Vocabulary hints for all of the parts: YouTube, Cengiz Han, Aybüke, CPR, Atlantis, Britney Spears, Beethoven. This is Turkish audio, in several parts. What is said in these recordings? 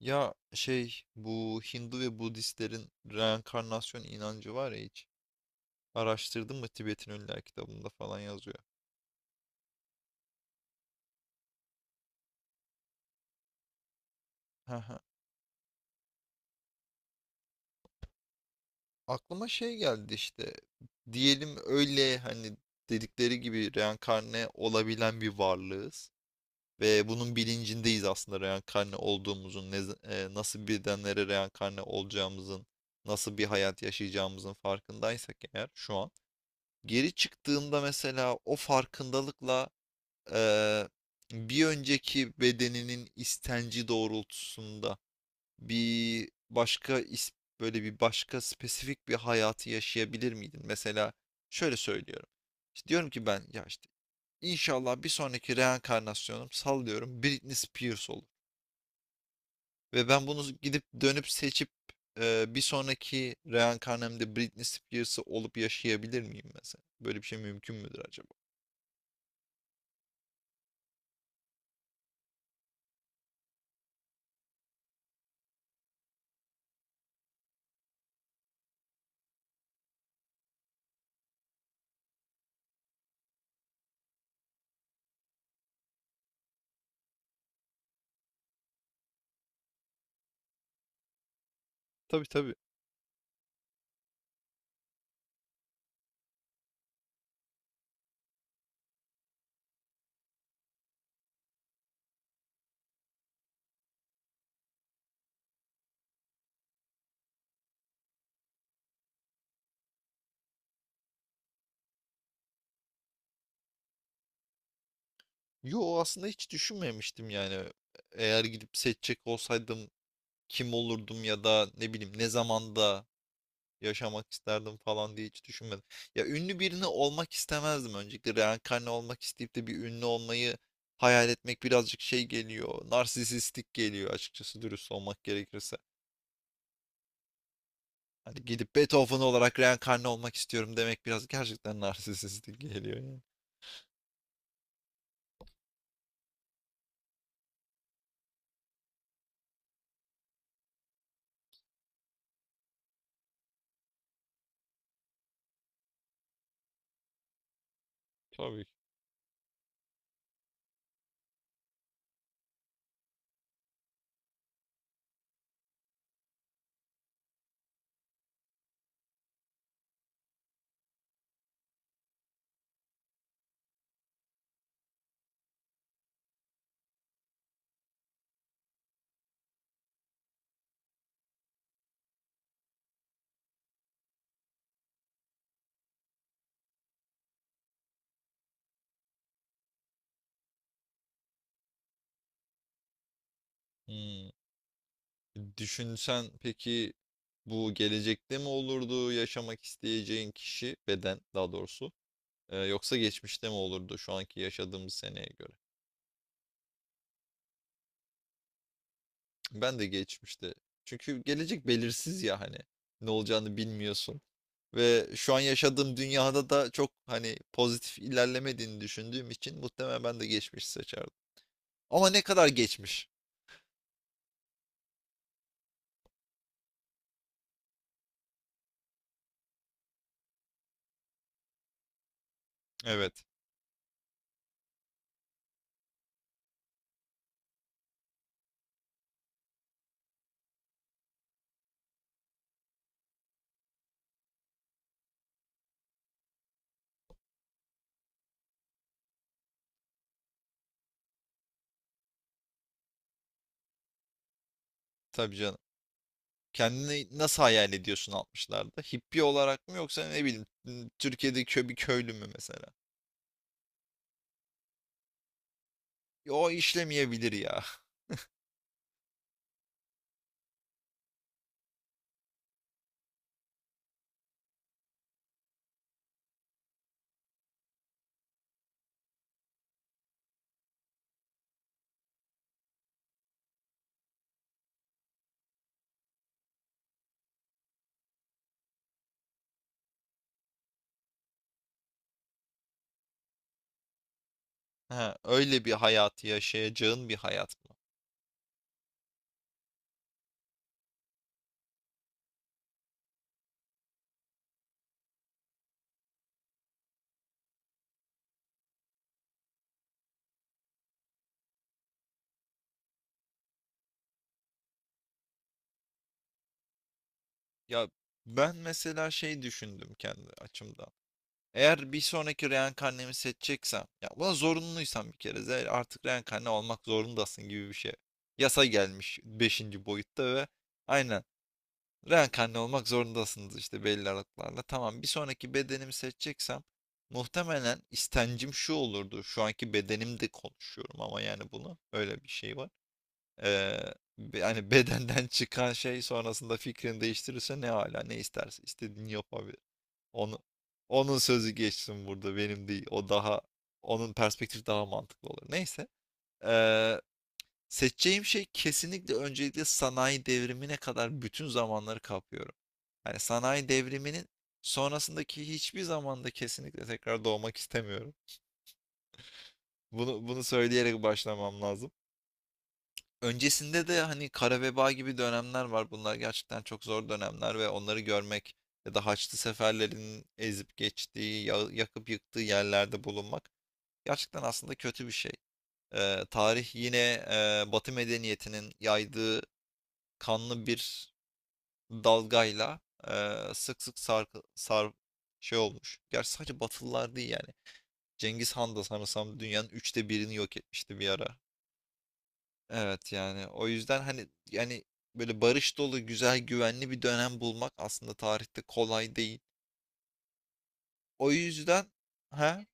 Ya, bu Hindu ve Budistlerin reenkarnasyon inancı var ya hiç. Araştırdın mı? Tibet'in Ölüler kitabında falan yazıyor. Haha. Aklıma şey geldi işte. Diyelim öyle hani dedikleri gibi reenkarne olabilen bir varlığız. Ve bunun bilincindeyiz aslında reenkarne olduğumuzun, nasıl bedenlere reenkarne olacağımızın, nasıl bir hayat yaşayacağımızın farkındaysak eğer şu an. Geri çıktığında mesela o farkındalıkla eee, bir önceki bedeninin istenci doğrultusunda bir başka is- böyle bir başka spesifik bir hayatı yaşayabilir miydin? Mesela şöyle söylüyorum. İşte diyorum ki ben, ya işte inşallah bir sonraki reenkarnasyonum sallıyorum Britney Spears olur. Ve ben bunu gidip dönüp seçip bir sonraki reenkarnamda Britney Spears'ı olup yaşayabilir miyim mesela? Böyle bir şey mümkün müdür acaba? Tabii, tabii. Yo, aslında hiç düşünmemiştim yani. Eğer gidip seçecek olsaydım kim olurdum ya da ne bileyim ne zamanda yaşamak isterdim falan diye hiç düşünmedim. Ya ünlü birini olmak istemezdim öncelikle. Reenkarne olmak isteyip de bir ünlü olmayı hayal etmek birazcık şey geliyor. Narsisistik geliyor açıkçası, dürüst olmak gerekirse. Hani gidip Beethoven olarak reenkarne olmak istiyorum demek biraz gerçekten narsisistik geliyor yani. Tabii ki. Hmm. Düşünsen peki, bu gelecekte mi olurdu yaşamak isteyeceğin kişi, beden daha doğrusu, e, yoksa geçmişte mi olurdu şu anki yaşadığımız seneye göre? Ben de geçmişte. Çünkü gelecek belirsiz ya hani, ne olacağını bilmiyorsun. Ve şu an yaşadığım dünyada da çok hani pozitif ilerlemediğini düşündüğüm için muhtemelen ben de geçmiş seçerdim. Ama ne kadar geçmiş? Evet. Tabii canım. Kendini nasıl hayal ediyorsun, altmışlarda Hippi olarak mı, yoksa ne bileyim Türkiye'deki kö bir köylü mü mesela? O işlemeyebilir ya. Ha, öyle bir hayatı yaşayacağın bir hayat mı? Ya ben mesela şey düşündüm kendi açımdan. Eğer bir sonraki reenkarnemi seçeceksem, ya buna zorunluysam, bir kere zaten artık reenkarne olmak zorundasın gibi bir şey. Yasa gelmiş beşinci boyutta ve aynen, reenkarne olmak zorundasınız işte belli aralıklarla. Tamam, bir sonraki bedenimi seçeceksem muhtemelen istencim şu olurdu. Şu anki bedenimde konuşuyorum ama yani bunu, öyle bir şey var. Ee, yani bedenden çıkan şey sonrasında fikrini değiştirirse ne hala ne isterse istediğini yapabilir. Onu, onun sözü geçsin burada, benim değil. O, onun perspektifi daha mantıklı olur. Neyse. Ee, Seçeceğim şey kesinlikle, öncelikle sanayi devrimine kadar bütün zamanları kapıyorum. Yani sanayi devriminin sonrasındaki hiçbir zamanda kesinlikle tekrar doğmak istemiyorum. Bunu söyleyerek başlamam lazım. Öncesinde de hani kara veba gibi dönemler var. Bunlar gerçekten çok zor dönemler ve onları görmek ya da Haçlı seferlerin ezip geçtiği, yakıp yıktığı yerlerde bulunmak gerçekten aslında kötü bir şey. Tarih yine, e, Batı medeniyetinin yaydığı kanlı bir dalgayla eee, sık sık sarkı- sar, şey olmuş. Gerçi sadece Batılılar değil yani. Cengiz Han da sanırsam dünyanın üçte birini yok etmişti bir ara. Evet, yani o yüzden hani yani böyle barış dolu güzel güvenli bir dönem bulmak aslında tarihte kolay değil. O yüzden ha,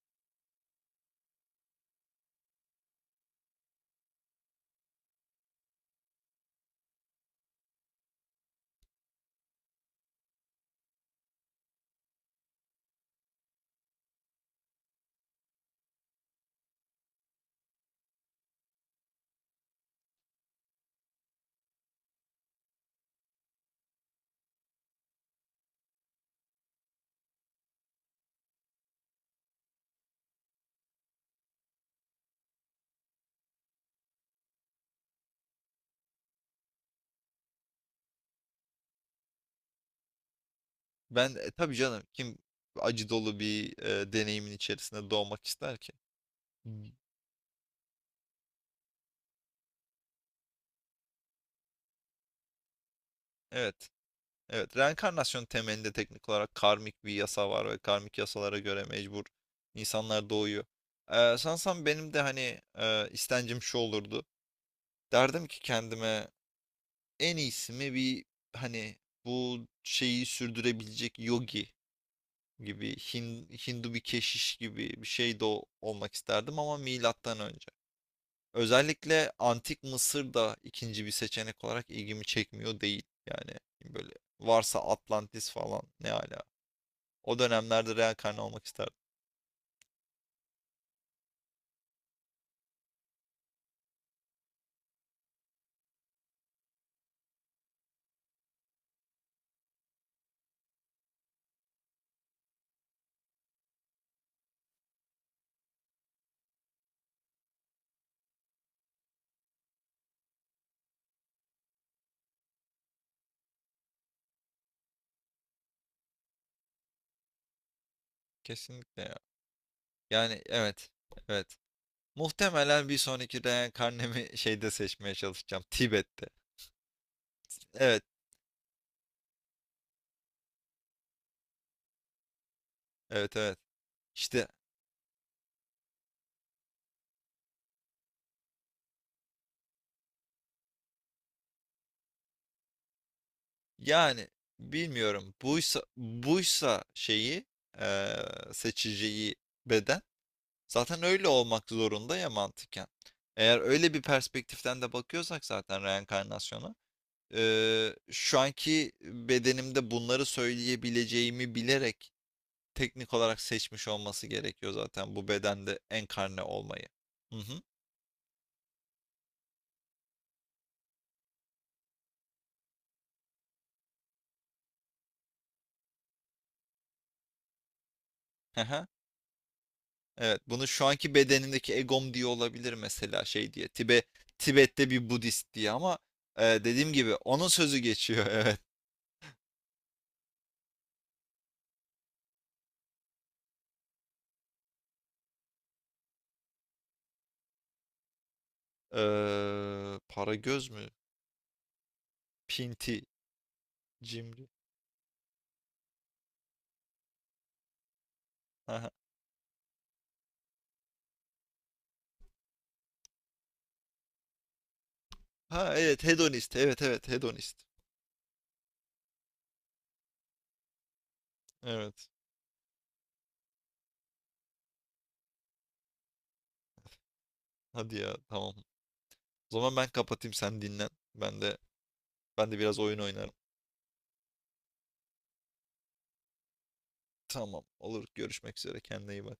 ben tabii canım, kim acı dolu bir, e, deneyimin içerisinde doğmak ister ki? Hmm. Evet. Evet, reenkarnasyon temelinde teknik olarak karmik bir yasa var ve karmik yasalara göre mecbur insanlar doğuyor. Sansam benim de hani, e, istencim şu olurdu. Derdim ki kendime en iyisi mi bir hani bu şeyi sürdürebilecek yogi gibi Hindu bir keşiş gibi bir şey de olmak isterdim ama milattan önce. Özellikle antik Mısır da ikinci bir seçenek olarak ilgimi çekmiyor değil. Yani böyle varsa Atlantis falan ne ala. O dönemlerde reenkarne olmak isterdim. Kesinlikle ya. Yani evet. Evet. Muhtemelen bir sonraki reenkarnemi şeyde seçmeye çalışacağım. Tibet'te. Evet. Evet, evet. İşte yani bilmiyorum. Buysa şeyi, eee, seçeceği beden zaten öyle olmak zorunda ya mantıken. Eğer öyle bir perspektiften de bakıyorsak zaten reenkarnasyona, şu anki bedenimde bunları söyleyebileceğimi bilerek teknik olarak seçmiş olması gerekiyor zaten bu bedende enkarne olmayı. Hı hı. Hı hı. Evet, bunu şu anki bedenindeki egom diye olabilir mesela, şey diye. Tibet'te bir Budist diye ama dediğim gibi onun sözü geçiyor. Evet. Para göz mü? Pinti, cimri. Hı hı. Ha evet, hedonist. Evet, evet, hedonist. Evet. Hadi ya, tamam. O zaman ben kapatayım, sen dinlen. Ben de, ben de biraz oyun oynarım. Tamam, olur, görüşmek üzere, kendine iyi bak.